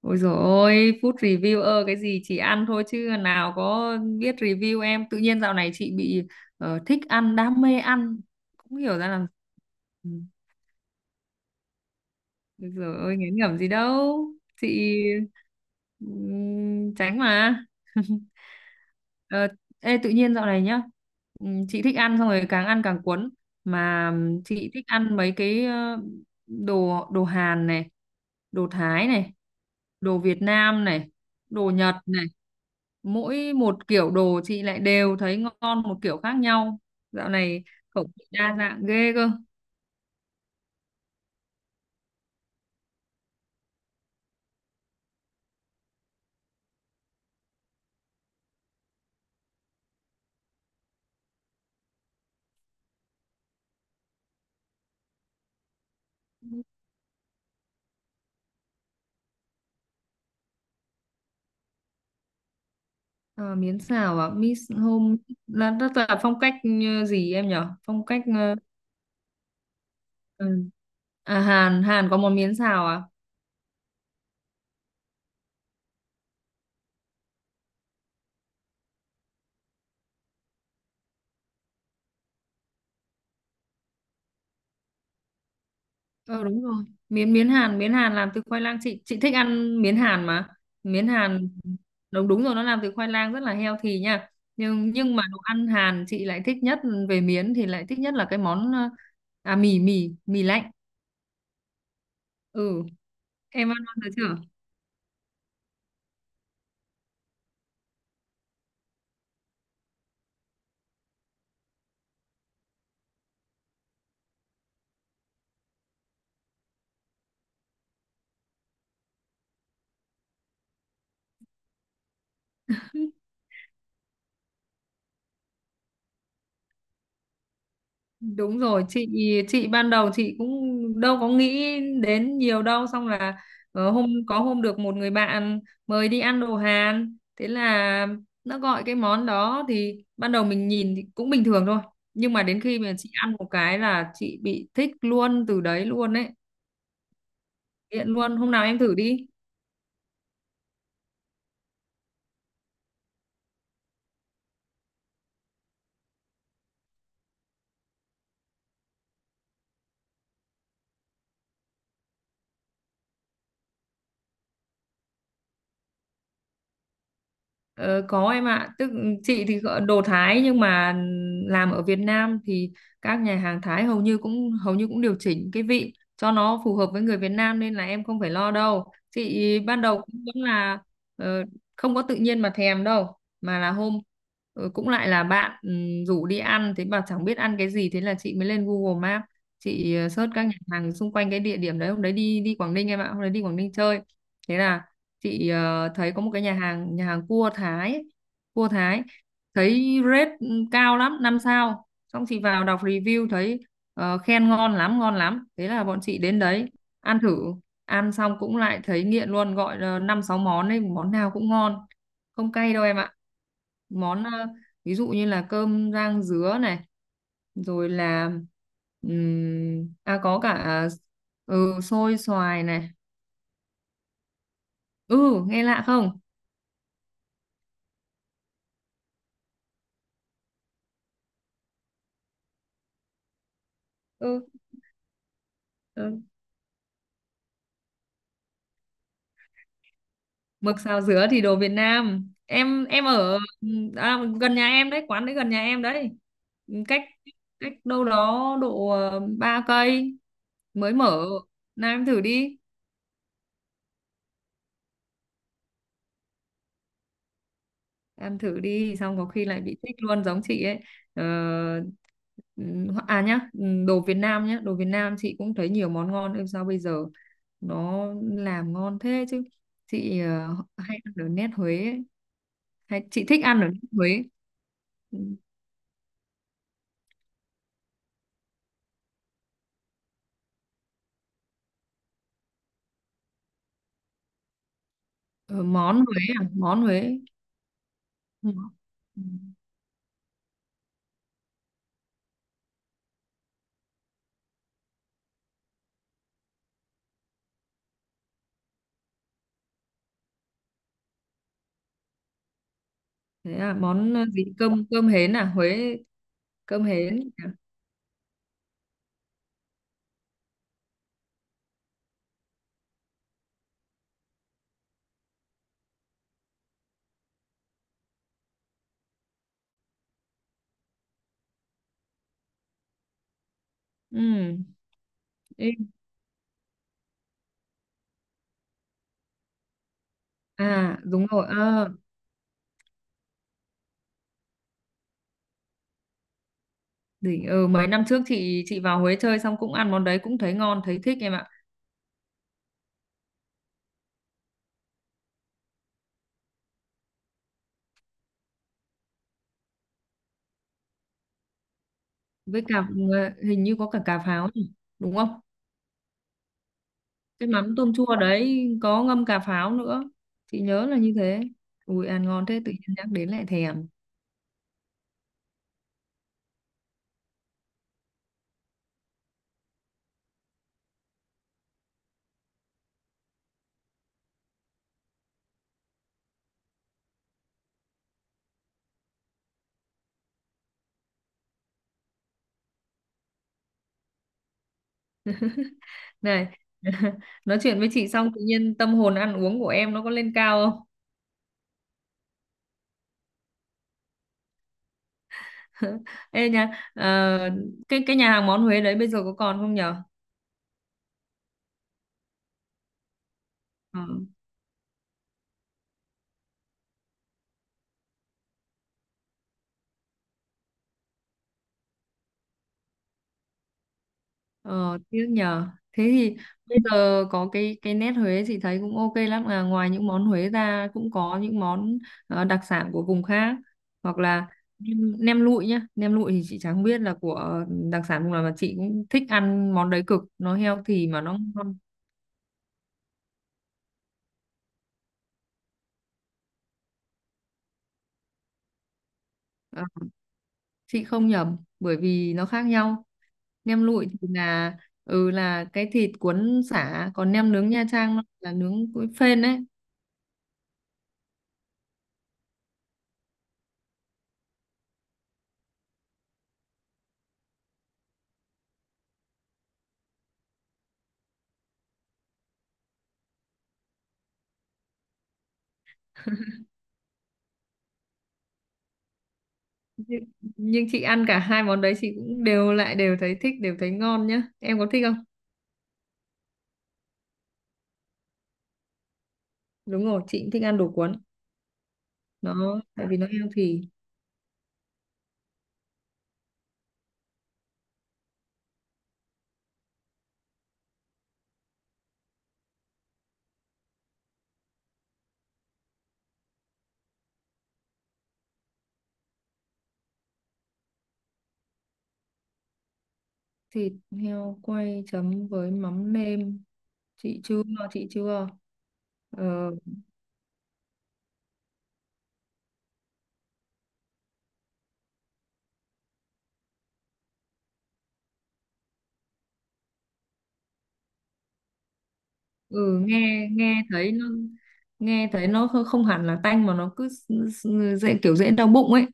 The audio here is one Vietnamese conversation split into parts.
Ôi dồi ôi, food reviewer cái gì chị ăn thôi chứ nào có biết review em. Tự nhiên dạo này chị bị thích ăn, đam mê ăn. Không hiểu ra làm. Ừ. Ôi dồi ôi, ngán ngẩm gì đâu. Chị tránh mà. Ờ, ê, tự nhiên dạo này nhá, chị thích ăn xong rồi càng ăn càng cuốn, mà chị thích ăn mấy cái đồ đồ Hàn này, đồ Thái này, đồ Việt Nam này, đồ Nhật này. Mỗi một kiểu đồ chị lại đều thấy ngon một kiểu khác nhau. Dạo này khẩu vị đa dạng ghê cơ. Ờ, miến xào à, Miss Home là rất là phong cách, gì em nhở, phong cách ừ. À, Hàn Hàn có món miến xào à? Ờ, đúng rồi. Miến miến Hàn làm từ khoai lang, chị thích ăn miến Hàn mà. Miến Hàn đúng đúng rồi, nó làm từ khoai lang, rất là healthy nha. Nhưng mà đồ ăn Hàn chị lại thích nhất, về miến thì lại thích nhất là cái món à, mì mì mì lạnh. Ừ, em ăn bao giờ chưa? Đúng rồi, chị ban đầu chị cũng đâu có nghĩ đến nhiều đâu, xong là hôm có hôm được một người bạn mời đi ăn đồ Hàn, thế là nó gọi cái món đó thì ban đầu mình nhìn thì cũng bình thường thôi, nhưng mà đến khi mà chị ăn một cái là chị bị thích luôn từ đấy luôn ấy, nghiện luôn, hôm nào em thử đi. Ờ, có em ạ, tức chị thì gọi đồ Thái nhưng mà làm ở Việt Nam thì các nhà hàng Thái hầu như cũng điều chỉnh cái vị cho nó phù hợp với người Việt Nam, nên là em không phải lo đâu. Chị ban đầu cũng vẫn là ờ, không có tự nhiên mà thèm đâu, mà là hôm cũng lại là bạn rủ đi ăn, thế mà chẳng biết ăn cái gì, thế là chị mới lên Google Maps, chị search các nhà hàng xung quanh cái địa điểm đấy, hôm đấy đi đi Quảng Ninh em ạ, hôm đấy đi Quảng Ninh chơi. Thế là chị thấy có một cái nhà hàng cua Thái ấy, cua Thái thấy rate cao lắm, 5 sao. Xong chị vào đọc review thấy khen ngon lắm ngon lắm, thế là bọn chị đến đấy ăn thử, ăn xong cũng lại thấy nghiện luôn, gọi là năm sáu món ấy món nào cũng ngon, không cay đâu em ạ. Món ví dụ như là cơm rang dứa này, rồi là à có cả, xôi xoài này. Ừ, nghe lạ không? Ừ. Ừ. Mực xào dứa thì đồ Việt Nam. Em ở, à, gần nhà em đấy, quán đấy gần nhà em đấy. Cách cách đâu đó độ 3 cây, mới mở. Nào em thử đi. Ăn thử đi xong có khi lại bị thích luôn giống chị ấy. ờ, À nhá, đồ Việt Nam nhá, đồ Việt Nam chị cũng thấy nhiều món ngon, ơi sao bây giờ nó làm ngon thế chứ. Chị hay ăn ở nét Huế ấy. Hay, chị thích ăn ở nét Huế. Ừm. Ờ, món Huế à, món Huế. Ừ. Ừ. Thế à, món gì, cơm cơm hến à, Huế, cơm hến à. Ừ. Ê, à, đúng rồi, đỉnh. Ừ, Mấy năm trước chị vào Huế chơi xong cũng ăn món đấy cũng thấy ngon, thấy thích em ạ. Với cả hình như có cả cà pháo nhỉ, đúng không? Cái mắm tôm chua đấy có ngâm cà pháo nữa. Chị nhớ là như thế. Ui, ăn ngon thế tự nhiên nhắc đến lại thèm. Này, nói chuyện với chị xong tự nhiên tâm hồn ăn uống của em nó có lên cao không? Ê nha, ờ, cái nhà hàng món Huế đấy bây giờ có còn không nhở? Ờ. Ờ, tiếc nhờ. Thế thì bây giờ có cái nét Huế chị thấy cũng ok lắm à. Ngoài những món Huế ra cũng có những món đặc sản của vùng khác. Hoặc là nem nem lụi nhá. Nem lụi thì chị chẳng biết là của đặc sản vùng nào, mà chị cũng thích ăn món đấy cực. Nó healthy mà nó ngon. Ờ, chị không nhầm bởi vì nó khác nhau. Nem lụi thì là là cái thịt cuốn sả, còn nem nướng Nha Trang nó là nướng với phên đấy. nhưng, nhưng chị ăn cả hai món đấy chị cũng đều thấy thích, đều thấy ngon nhá, em có thích không? Đúng rồi, chị cũng thích ăn đồ cuốn, nó tại vì nó healthy. Thịt heo quay chấm với mắm nêm, chị chưa, chị chưa. ờ, ừ nghe nghe thấy nó không không hẳn là tanh, mà nó cứ dễ đau bụng ấy.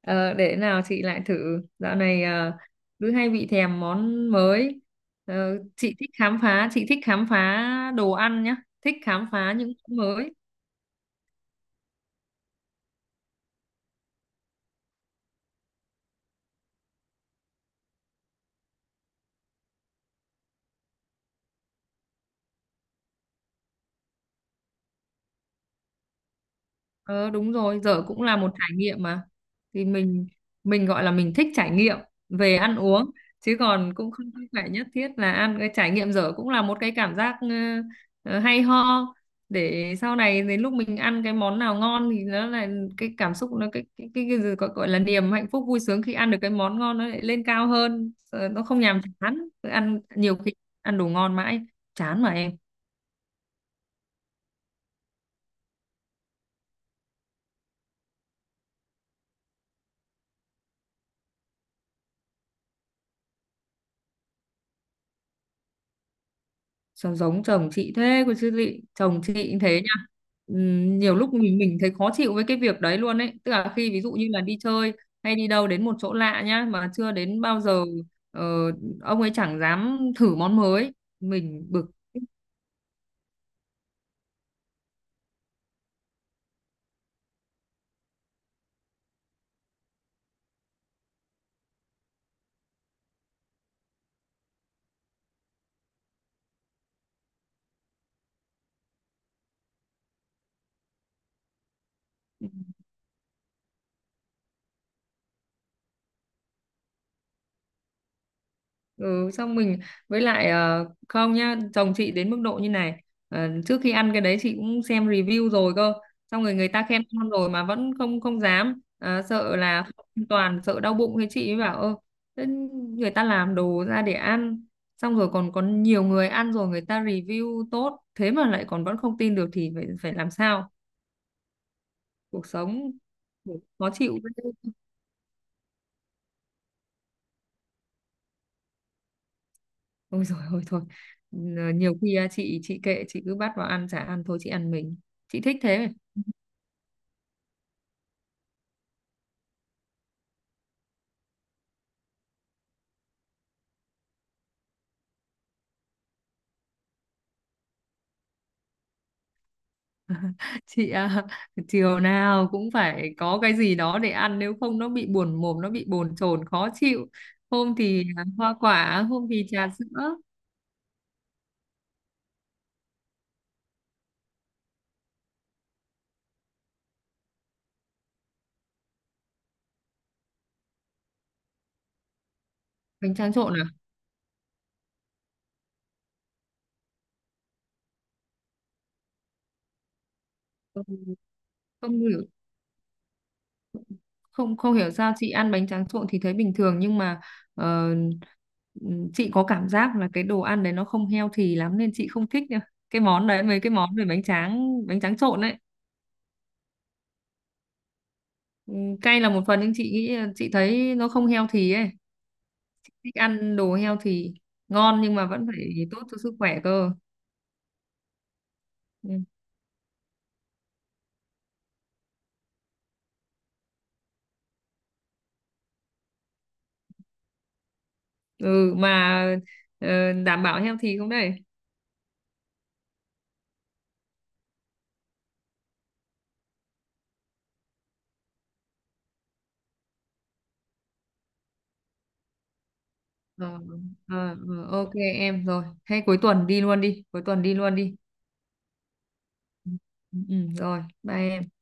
Ờ, để nào chị lại thử. Dạo này cứ hay bị thèm món mới. Ờ, chị thích khám phá, chị thích khám phá đồ ăn nhá, thích khám phá những món mới. Ờ đúng rồi, dở cũng là một trải nghiệm mà. Thì mình gọi là mình thích trải nghiệm về ăn uống, chứ còn cũng không phải nhất thiết là ăn cái trải nghiệm dở, cũng là một cái cảm giác hay ho, để sau này đến lúc mình ăn cái món nào ngon thì nó là cái cảm xúc, nó gì gọi là niềm hạnh phúc vui sướng khi ăn được cái món ngon nó lại lên cao hơn. Ờ, nó không nhàm chán, cứ ăn nhiều khi ăn đồ ngon mãi chán mà em. Sao giống chồng chị thế cơ chứ lị, chồng chị cũng thế nha. Nhiều lúc mình thấy khó chịu với cái việc đấy luôn ấy, tức là khi ví dụ như là đi chơi hay đi đâu đến một chỗ lạ nhá mà chưa đến bao giờ, ờ, ông ấy chẳng dám thử món mới, mình bực. Ừ Xong mình, với lại không nhá, chồng chị đến mức độ như này: trước khi ăn cái đấy chị cũng xem review rồi cơ, xong rồi người ta khen ngon rồi mà vẫn không không dám, sợ là không an toàn, sợ đau bụng, thế chị mới bảo: ơ thế người ta làm đồ ra để ăn, xong rồi còn có nhiều người ăn rồi người ta review tốt thế mà lại còn vẫn không tin được thì phải phải làm sao, cuộc sống khó chịu ghê. Ôi rồi, ôi thôi. Nhiều khi à, chị kệ, chị cứ bắt vào ăn chả ăn thôi, chị ăn mình chị thích thế. Chị à, chiều nào cũng phải có cái gì đó để ăn, nếu không nó bị buồn mồm, nó bị bồn chồn khó chịu, hôm thì hoa quả, hôm thì trà sữa. Bánh tráng trộn à? Không không hiểu không không hiểu sao chị ăn bánh tráng trộn thì thấy bình thường, nhưng mà ờ, chị có cảm giác là cái đồ ăn đấy nó không healthy lắm nên chị không thích nữa, cái món đấy, mấy cái món về bánh tráng trộn ấy. Ừ, cay là một phần nhưng chị nghĩ, chị thấy nó không healthy ấy. Thích ăn đồ healthy, ngon nhưng mà vẫn phải tốt cho sức khỏe cơ. Ừ, ừ mà đảm bảo healthy không đây? ờ, ok em rồi, hay cuối tuần đi luôn đi, cuối tuần đi luôn đi. Ừ, ừ, rồi bye em.